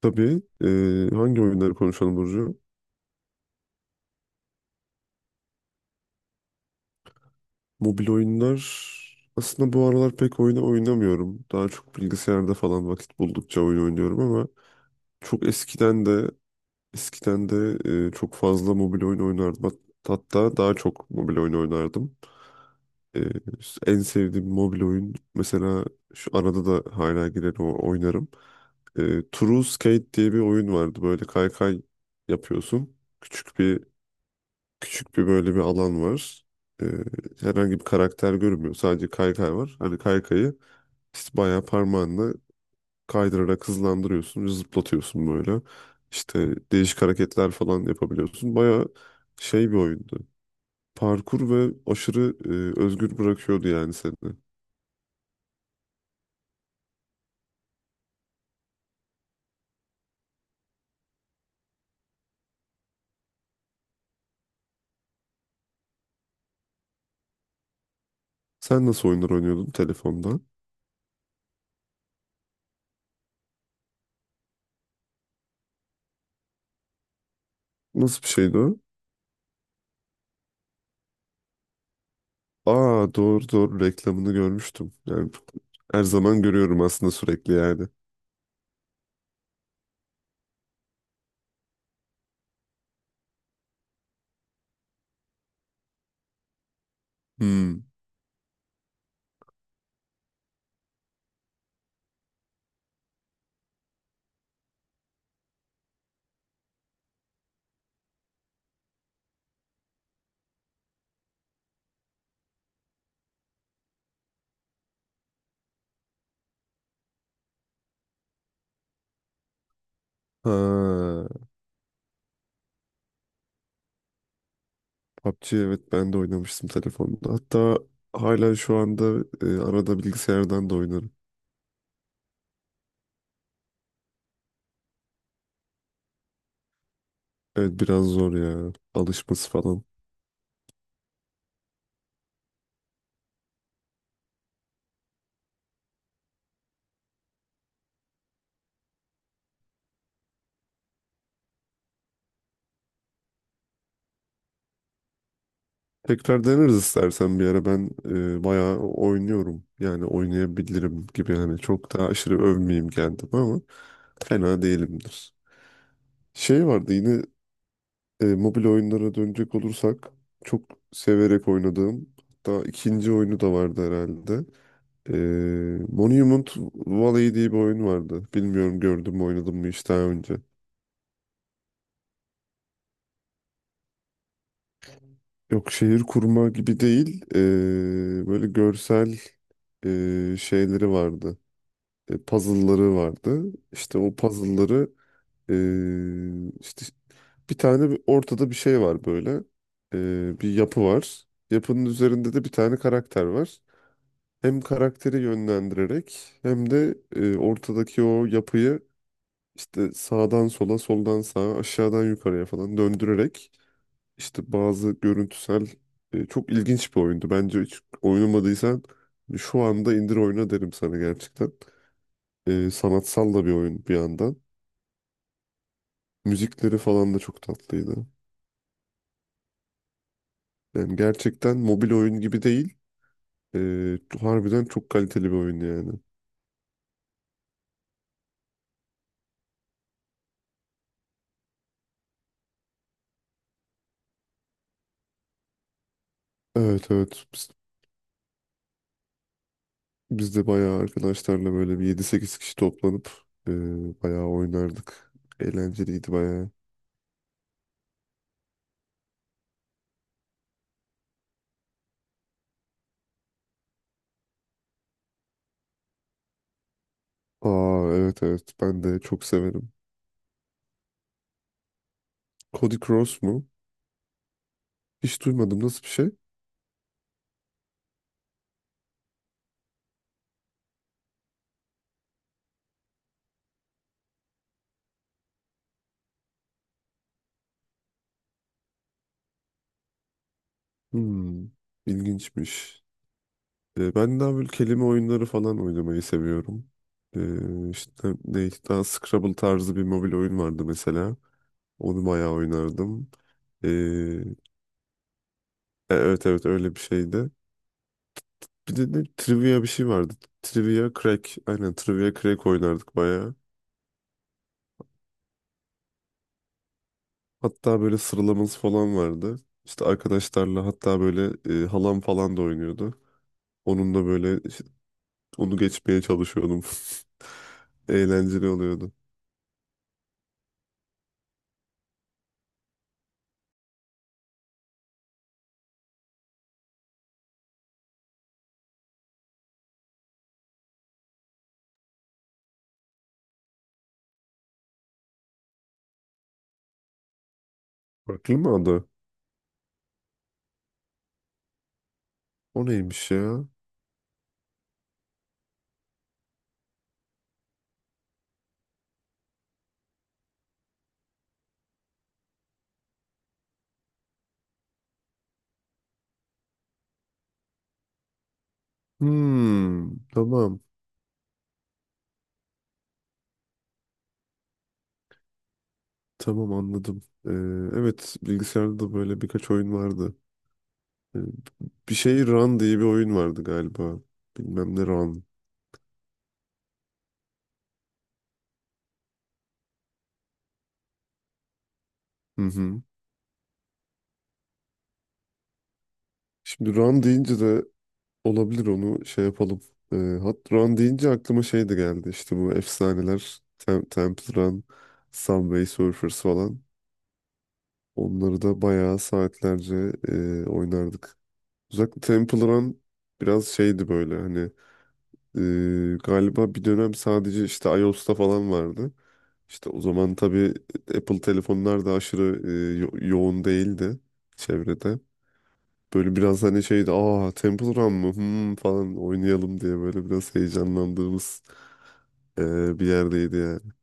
Tabii. Hangi oyunları konuşalım Burcu? Mobil oyunlar aslında bu aralar pek oynamıyorum. Daha çok bilgisayarda falan vakit buldukça oyun oynuyorum ama çok eskiden de eskiden de çok fazla mobil oyun oynardım. Hatta daha çok mobil oyun oynardım. Ee, En sevdiğim mobil oyun mesela şu arada da hala girer o oynarım. True Skate diye bir oyun vardı. Böyle kaykay yapıyorsun. Küçük bir Küçük bir böyle bir alan var. Ee, Herhangi bir karakter görünmüyor. Sadece kaykay var. Hani kaykayı işte bayağı parmağınla kaydırarak hızlandırıyorsun, zıplatıyorsun böyle. İşte değişik hareketler falan yapabiliyorsun. Bayağı şey bir oyundu. Parkur ve aşırı özgür bırakıyordu yani seni. Sen nasıl oyunlar oynuyordun telefonda? Nasıl bir şeydi o? Aa, doğru doğru, reklamını görmüştüm. Yani her zaman görüyorum aslında, sürekli yani. Hmm. Ha. PUBG evet, ben de oynamıştım telefonda. Hatta hala şu anda arada bilgisayardan da oynarım. Evet, biraz zor ya alışması falan. Tekrar deneriz istersen bir ara, ben bayağı oynuyorum. Yani oynayabilirim gibi, hani çok da aşırı övmeyeyim kendim ama fena değilimdir. Şey vardı yine, mobil oyunlara dönecek olursak çok severek oynadığım, hatta ikinci oyunu da vardı herhalde. Ee, Monument Valley diye bir oyun vardı. Bilmiyorum gördüm mü, oynadım mı hiç daha önce. Yok, şehir kurma gibi değil. Böyle görsel şeyleri vardı. Puzzle'ları vardı. İşte o puzzle'ları işte ortada bir şey var böyle. Bir yapı var. Yapının üzerinde de bir tane karakter var. Hem karakteri yönlendirerek hem de ortadaki o yapıyı İşte sağdan sola, soldan sağa, aşağıdan yukarıya falan döndürerek işte bazı görüntüsel, çok ilginç bir oyundu. Bence hiç oynamadıysan şu anda indir oyna derim sana, gerçekten. Sanatsal da bir oyun bir yandan. Müzikleri falan da çok tatlıydı. Yani gerçekten mobil oyun gibi değil. Harbiden çok kaliteli bir oyun yani. Evet, evet. Biz de bayağı arkadaşlarla böyle bir yedi sekiz kişi toplanıp e, bayağı oynardık. Eğlenceliydi bayağı. Aa evet evet, ben de çok severim. Cody Cross mu? Hiç duymadım, nasıl bir şey? Hmm, ilginçmiş. Ben daha böyle kelime oyunları falan oynamayı seviyorum. İşte daha Scrabble tarzı bir mobil oyun vardı mesela. Onu bayağı oynardım. Ee, evet evet, öyle bir şeydi. Bir de trivia bir şey vardı. Trivia Crack. Aynen, Trivia Crack oynardık bayağı. Hatta böyle sıralaması falan vardı. İşte arkadaşlarla hatta böyle halam falan da oynuyordu. Onunla böyle işte onu geçmeye çalışıyordum. Eğlenceli oluyordu. Farklı mı adı? O neymiş ya? Hmm, tamam. Tamam, anladım. Evet, bilgisayarda da böyle birkaç oyun vardı. Ee, Bir şey Run diye bir oyun vardı galiba. Bilmem ne Run. Hı hı. Şimdi Run deyince de olabilir, onu şey yapalım. Ee, hat Run deyince aklıma şey de geldi. İşte bu efsaneler. Temple Run, Subway Surfers falan. Onları da bayağı saatlerce oynardık. Özellikle Temple Run biraz şeydi böyle, hani galiba bir dönem sadece işte iOS'ta falan vardı. İşte o zaman tabii Apple telefonlar da aşırı yoğun değildi çevrede. Böyle biraz hani şeydi, aa Temple Run mı Hmm, falan oynayalım diye böyle biraz heyecanlandığımız bir yerdeydi yani.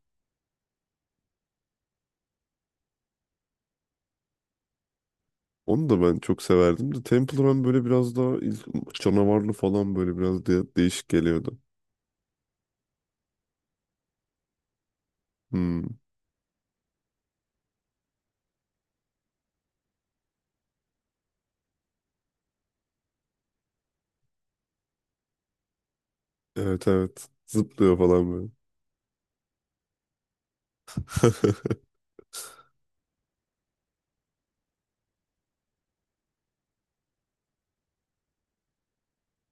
Onu da ben çok severdim de Temple Run böyle biraz daha canavarlı falan, böyle biraz değişik geliyordu. Hmm. Evet evet. Zıplıyor falan böyle.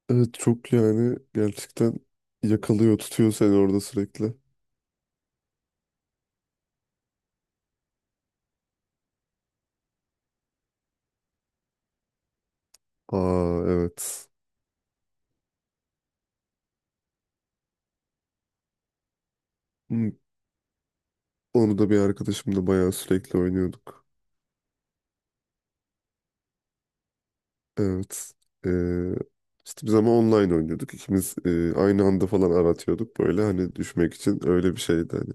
Evet, çok yani gerçekten yakalıyor, tutuyor seni orada sürekli. Aa evet. Hmm. Onu da bir arkadaşımla bayağı sürekli oynuyorduk. Evet. Ee, işte biz ama online oynuyorduk. İkimiz aynı anda falan aratıyorduk böyle, hani düşmek için öyle bir şeydi hani.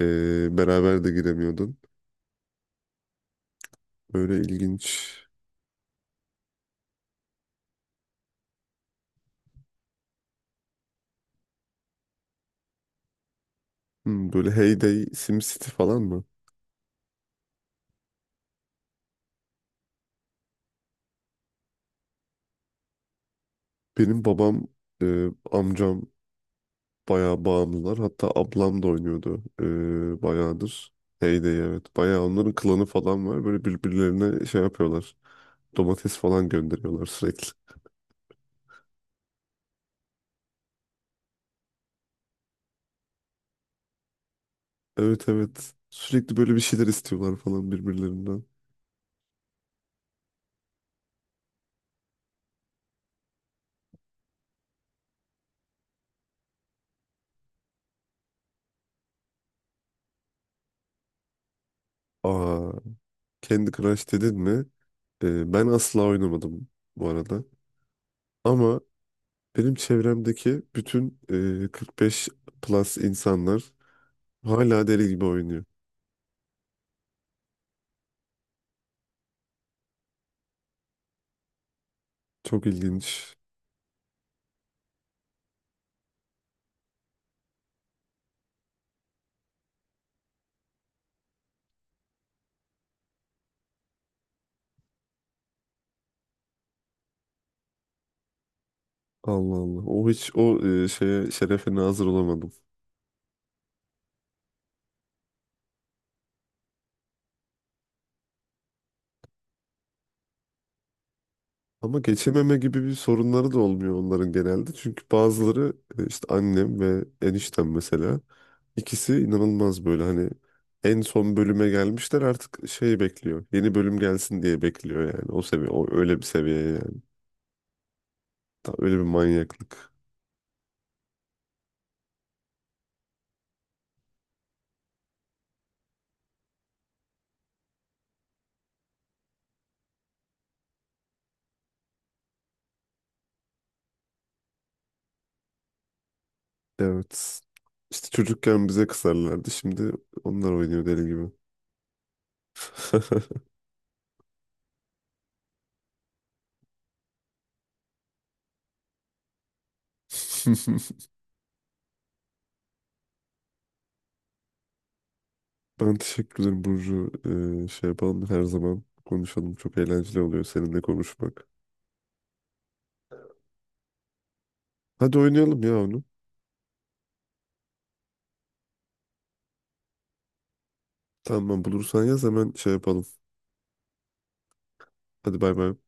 Beraber de giremiyordun. Böyle ilginç. Böyle Heyday, Day, Sim City falan mı? Benim babam, amcam bayağı bağımlılar. Hatta ablam da oynuyordu bayağıdır. Heyday evet. Bayağı onların klanı falan var. Böyle birbirlerine şey yapıyorlar. Domates falan gönderiyorlar sürekli. Evet evet. Sürekli böyle bir şeyler istiyorlar falan birbirlerinden. Aa, Candy Crush dedin mi? Ben asla oynamadım bu arada. Ama benim çevremdeki bütün 45 plus insanlar hala deli gibi oynuyor. Çok ilginç. Allah Allah. O hiç şeye şerefe nazır olamadım. Ama geçememe gibi bir sorunları da olmuyor onların genelde. Çünkü bazıları, işte annem ve eniştem mesela, ikisi inanılmaz böyle, hani en son bölüme gelmişler, artık şey bekliyor. Yeni bölüm gelsin diye bekliyor yani. O seviye, o öyle bir seviye yani. Daha öyle bir manyaklık. Evet. İşte çocukken bize kızarlardı. Şimdi onlar oynuyor deli gibi. Ben teşekkür ederim Burcu. Şey yapalım, her zaman konuşalım. Çok eğlenceli oluyor seninle konuşmak. Hadi oynayalım ya onu. Tamam, bulursan yaz hemen şey yapalım. Hadi bay bay.